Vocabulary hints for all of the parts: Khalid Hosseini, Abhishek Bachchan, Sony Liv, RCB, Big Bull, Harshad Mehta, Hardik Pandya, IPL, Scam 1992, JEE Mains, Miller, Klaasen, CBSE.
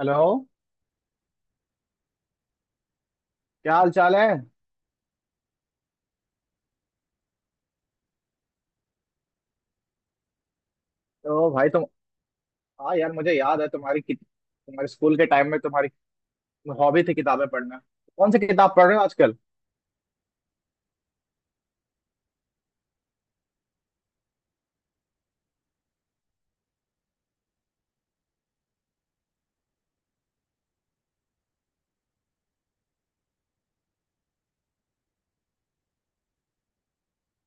Hello. क्या हाल चाल है? तो भाई तुम हाँ यार, मुझे याद है तुम्हारी तुम्हारे स्कूल के टाइम में तुम्हारी हॉबी थी किताबें पढ़ना। कौन सी किताब पढ़ रहे हो आजकल?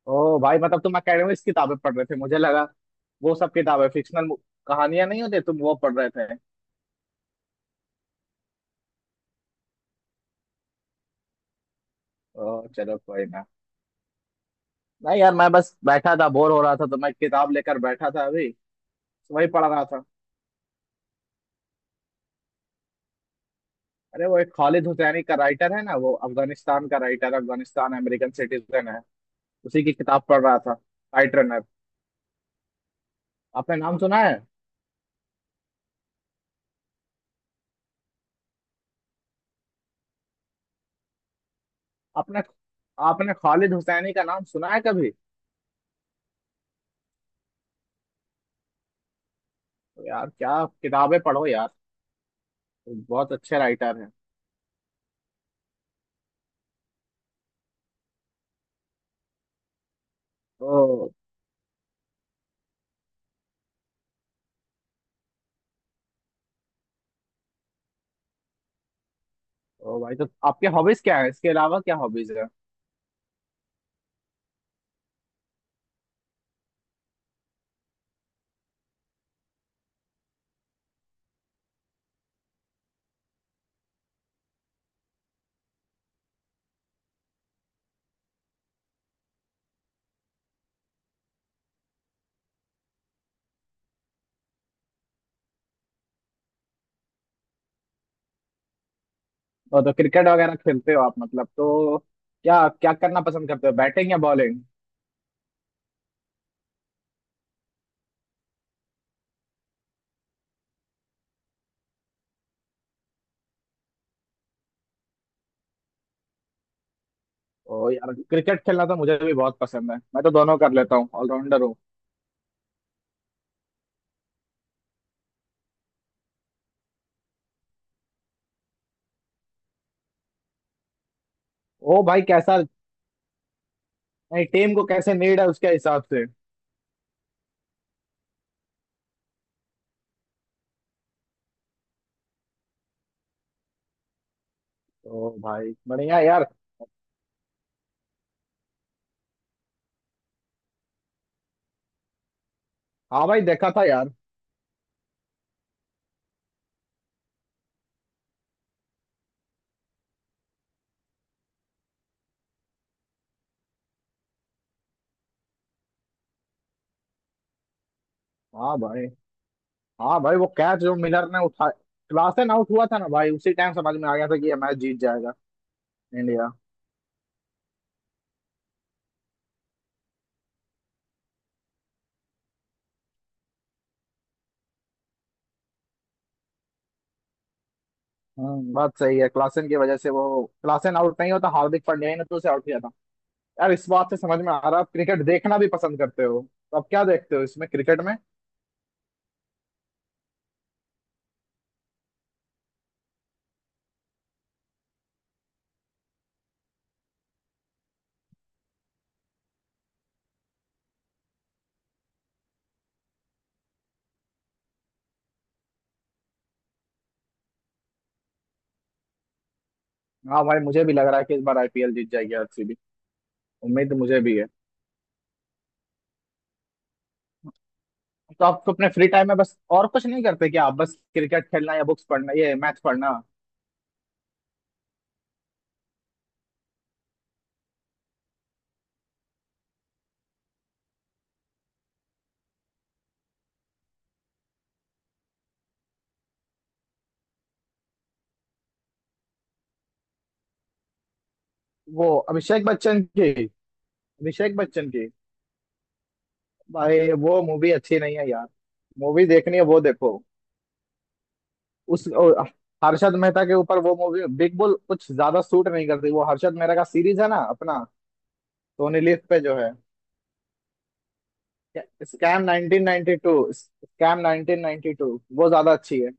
ओ भाई, मतलब तुम एकेडमिक्स किताबें पढ़ रहे थे, मुझे लगा वो सब किताबें फिक्शनल कहानियां नहीं होती, तुम वो पढ़ रहे थे। ओ चलो, कोई ना। नहीं यार, मैं बस बैठा था, बोर हो रहा था, तो मैं किताब लेकर बैठा था अभी, तो वही पढ़ रहा था। अरे वो एक खालिद हुसैनी का राइटर है ना, वो अफगानिस्तान का राइटर, अफगानिस्तान अमेरिकन सिटीजन है। उसी की किताब पढ़ रहा था। राइट। आपने नाम सुना है? आपने आपने खालिद हुसैनी का नाम सुना है कभी? तो यार, क्या किताबें पढ़ो यार, बहुत अच्छे राइटर हैं। तो, तो भाई, तो आपके हॉबीज क्या है, इसके अलावा क्या हॉबीज है? तो क्रिकेट वगैरह खेलते हो आप, मतलब तो क्या क्या करना पसंद करते हो, बैटिंग या बॉलिंग? ओ यार, क्रिकेट खेलना तो मुझे भी बहुत पसंद है, मैं तो दोनों कर लेता हूँ, ऑलराउंडर हूँ। ओ भाई कैसा नहीं, टीम को कैसे नीड है उसके हिसाब से। तो भाई बढ़िया यार। हाँ भाई, देखा था यार। हाँ भाई, हाँ भाई, वो कैच जो मिलर ने उठा, क्लासेन आउट हुआ था ना भाई, उसी टाइम समझ में आ गया था कि ये मैच जीत जाएगा इंडिया। बात सही है, क्लासेन की वजह से, वो क्लासेन आउट नहीं होता, हार्दिक पांड्या ही ने तो उसे आउट किया था। यार, इस बात से समझ में आ रहा है आप क्रिकेट देखना भी पसंद करते हो। तो अब क्या देखते हो इसमें, क्रिकेट में? हाँ भाई, मुझे भी लग रहा है कि इस बार आईपीएल जीत जाएगी आरसीबी। उम्मीद मुझे भी है। तो आप तो अपने फ्री टाइम में बस और कुछ नहीं करते क्या आप, बस क्रिकेट खेलना या बुक्स पढ़ना, ये मैथ पढ़ना? वो अभिषेक बच्चन की अभिषेक बच्चन की। भाई, वो मूवी अच्छी नहीं है यार। मूवी देखनी है वो देखो। उस ओ, हर्षद मेहता के ऊपर वो मूवी बिग बुल कुछ ज्यादा सूट नहीं करती, वो हर्षद मेहता का सीरीज है ना अपना, सोनी लिव पे जो है। स्कैम 1992। स्कैम 1992 वो ज्यादा अच्छी है।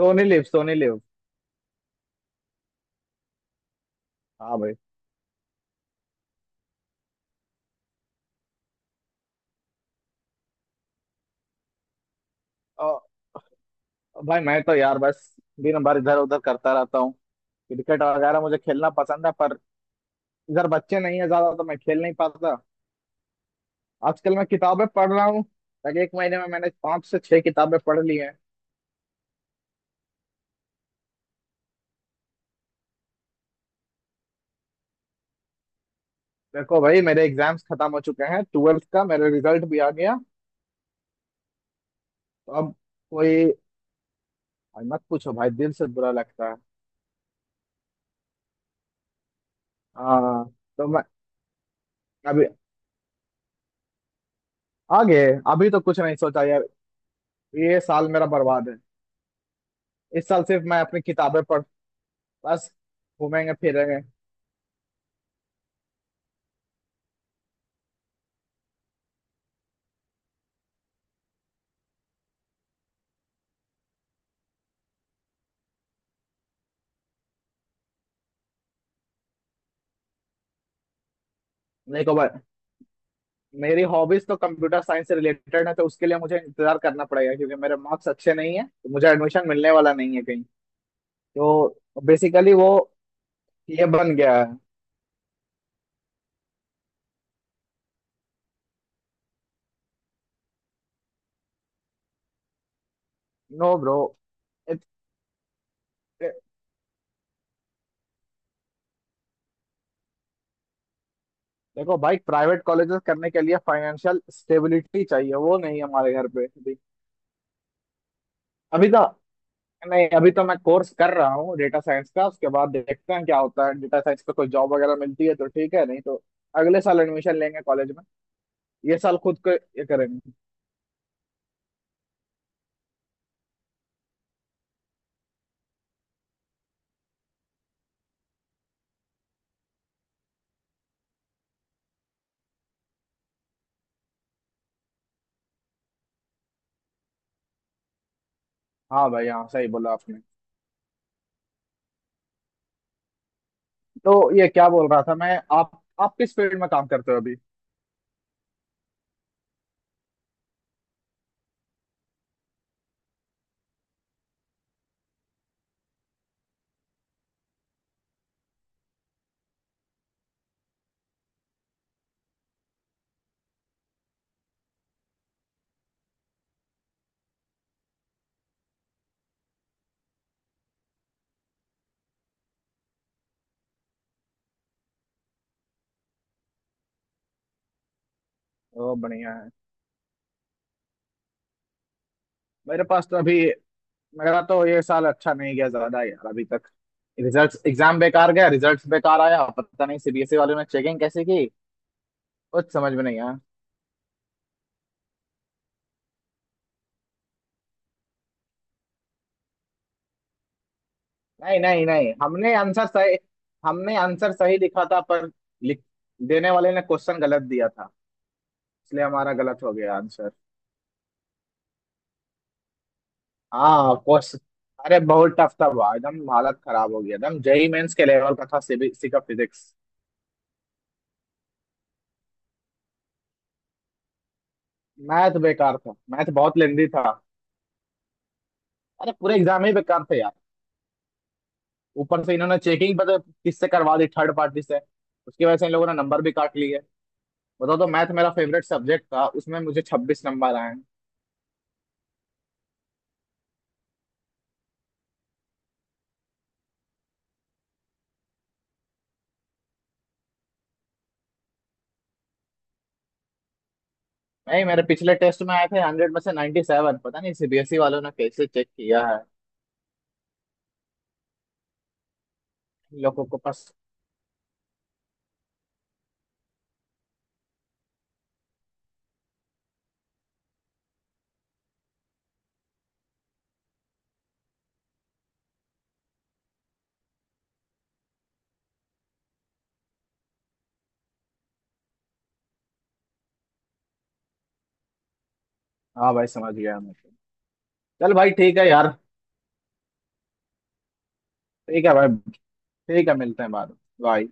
Sony Liv, Sony Liv. हाँ भाई। और भाई मैं तो यार बस दिन भर इधर उधर करता रहता हूँ। क्रिकेट वगैरह मुझे खेलना पसंद है पर इधर बच्चे नहीं है ज्यादा, तो मैं खेल नहीं पाता। आजकल मैं किताबें पढ़ रहा हूँ। तक एक महीने में मैंने पांच से छह किताबें पढ़ ली हैं। देखो भाई, मेरे एग्जाम्स खत्म हो चुके हैं, 12th का मेरा रिजल्ट भी आ गया। तो अब कोई भाई मत पूछो भाई, दिल से बुरा लगता है। हाँ, तो मैं अभी आगे अभी तो कुछ नहीं सोचा यार। ये साल मेरा बर्बाद है। इस साल सिर्फ मैं अपनी किताबें पढ़ बस घूमेंगे फिरेंगे। देखो भाई, मेरी हॉबीज तो कंप्यूटर साइंस से रिलेटेड है, तो उसके लिए मुझे इंतजार करना पड़ेगा, क्योंकि मेरे मार्क्स अच्छे नहीं है तो मुझे एडमिशन मिलने वाला नहीं है कहीं। तो बेसिकली वो ये बन गया है। No bro. देखो भाई, प्राइवेट कॉलेजेस करने के लिए फाइनेंशियल स्टेबिलिटी चाहिए, वो नहीं है हमारे घर पे अभी। अभी तो नहीं, अभी तो मैं कोर्स कर रहा हूँ डेटा साइंस का, उसके बाद देखते हैं क्या होता है। डेटा साइंस पे कोई जॉब वगैरह मिलती है तो ठीक है, नहीं तो अगले साल एडमिशन लेंगे कॉलेज में। ये साल खुद को ये करेंगे। हाँ भाई, हाँ सही बोला आपने। तो ये क्या बोल रहा था मैं, आप किस फील्ड में काम करते हो अभी? ओ बढ़िया है। मेरे पास तो अभी मेरा तो ये साल अच्छा नहीं गया ज्यादा यार अभी तक। रिजल्ट्स, एग्जाम बेकार गया, रिजल्ट्स बेकार आया, पता नहीं सीबीएसई वालों ने चेकिंग कैसे की। कुछ समझ में नहीं आया। नहीं नहीं नहीं, हमने आंसर सही लिखा था, पर लिख देने वाले ने क्वेश्चन गलत दिया था, इसलिए हमारा गलत हो गया आंसर। हाँ क्वेश्चन अरे बहुत टफ था भाई, एकदम हालत खराब हो गया, एकदम जेई मेंस के लेवल का था सीबीएसई का फिजिक्स। मैथ बेकार था, मैथ बहुत लेंदी था। अरे पूरे एग्जाम ही बेकार थे यार। ऊपर से इन्होंने चेकिंग पता है किससे करवा दी, थर्ड पार्टी से, उसकी वजह से इन लोगों ने नंबर भी काट लिए। बताओ, तो मैथ मेरा फेवरेट सब्जेक्ट था उसमें मुझे 26 नंबर आए हैं। नहीं, मेरे पिछले टेस्ट में आए थे 100 में से 97। पता नहीं सीबीएसई वालों ने कैसे चेक किया है। इन लोगों को पास। हाँ भाई, समझ गया मैं। चल भाई, ठीक है यार। ठीक है भाई। ठीक है, मिलते हैं बाद में। बाय।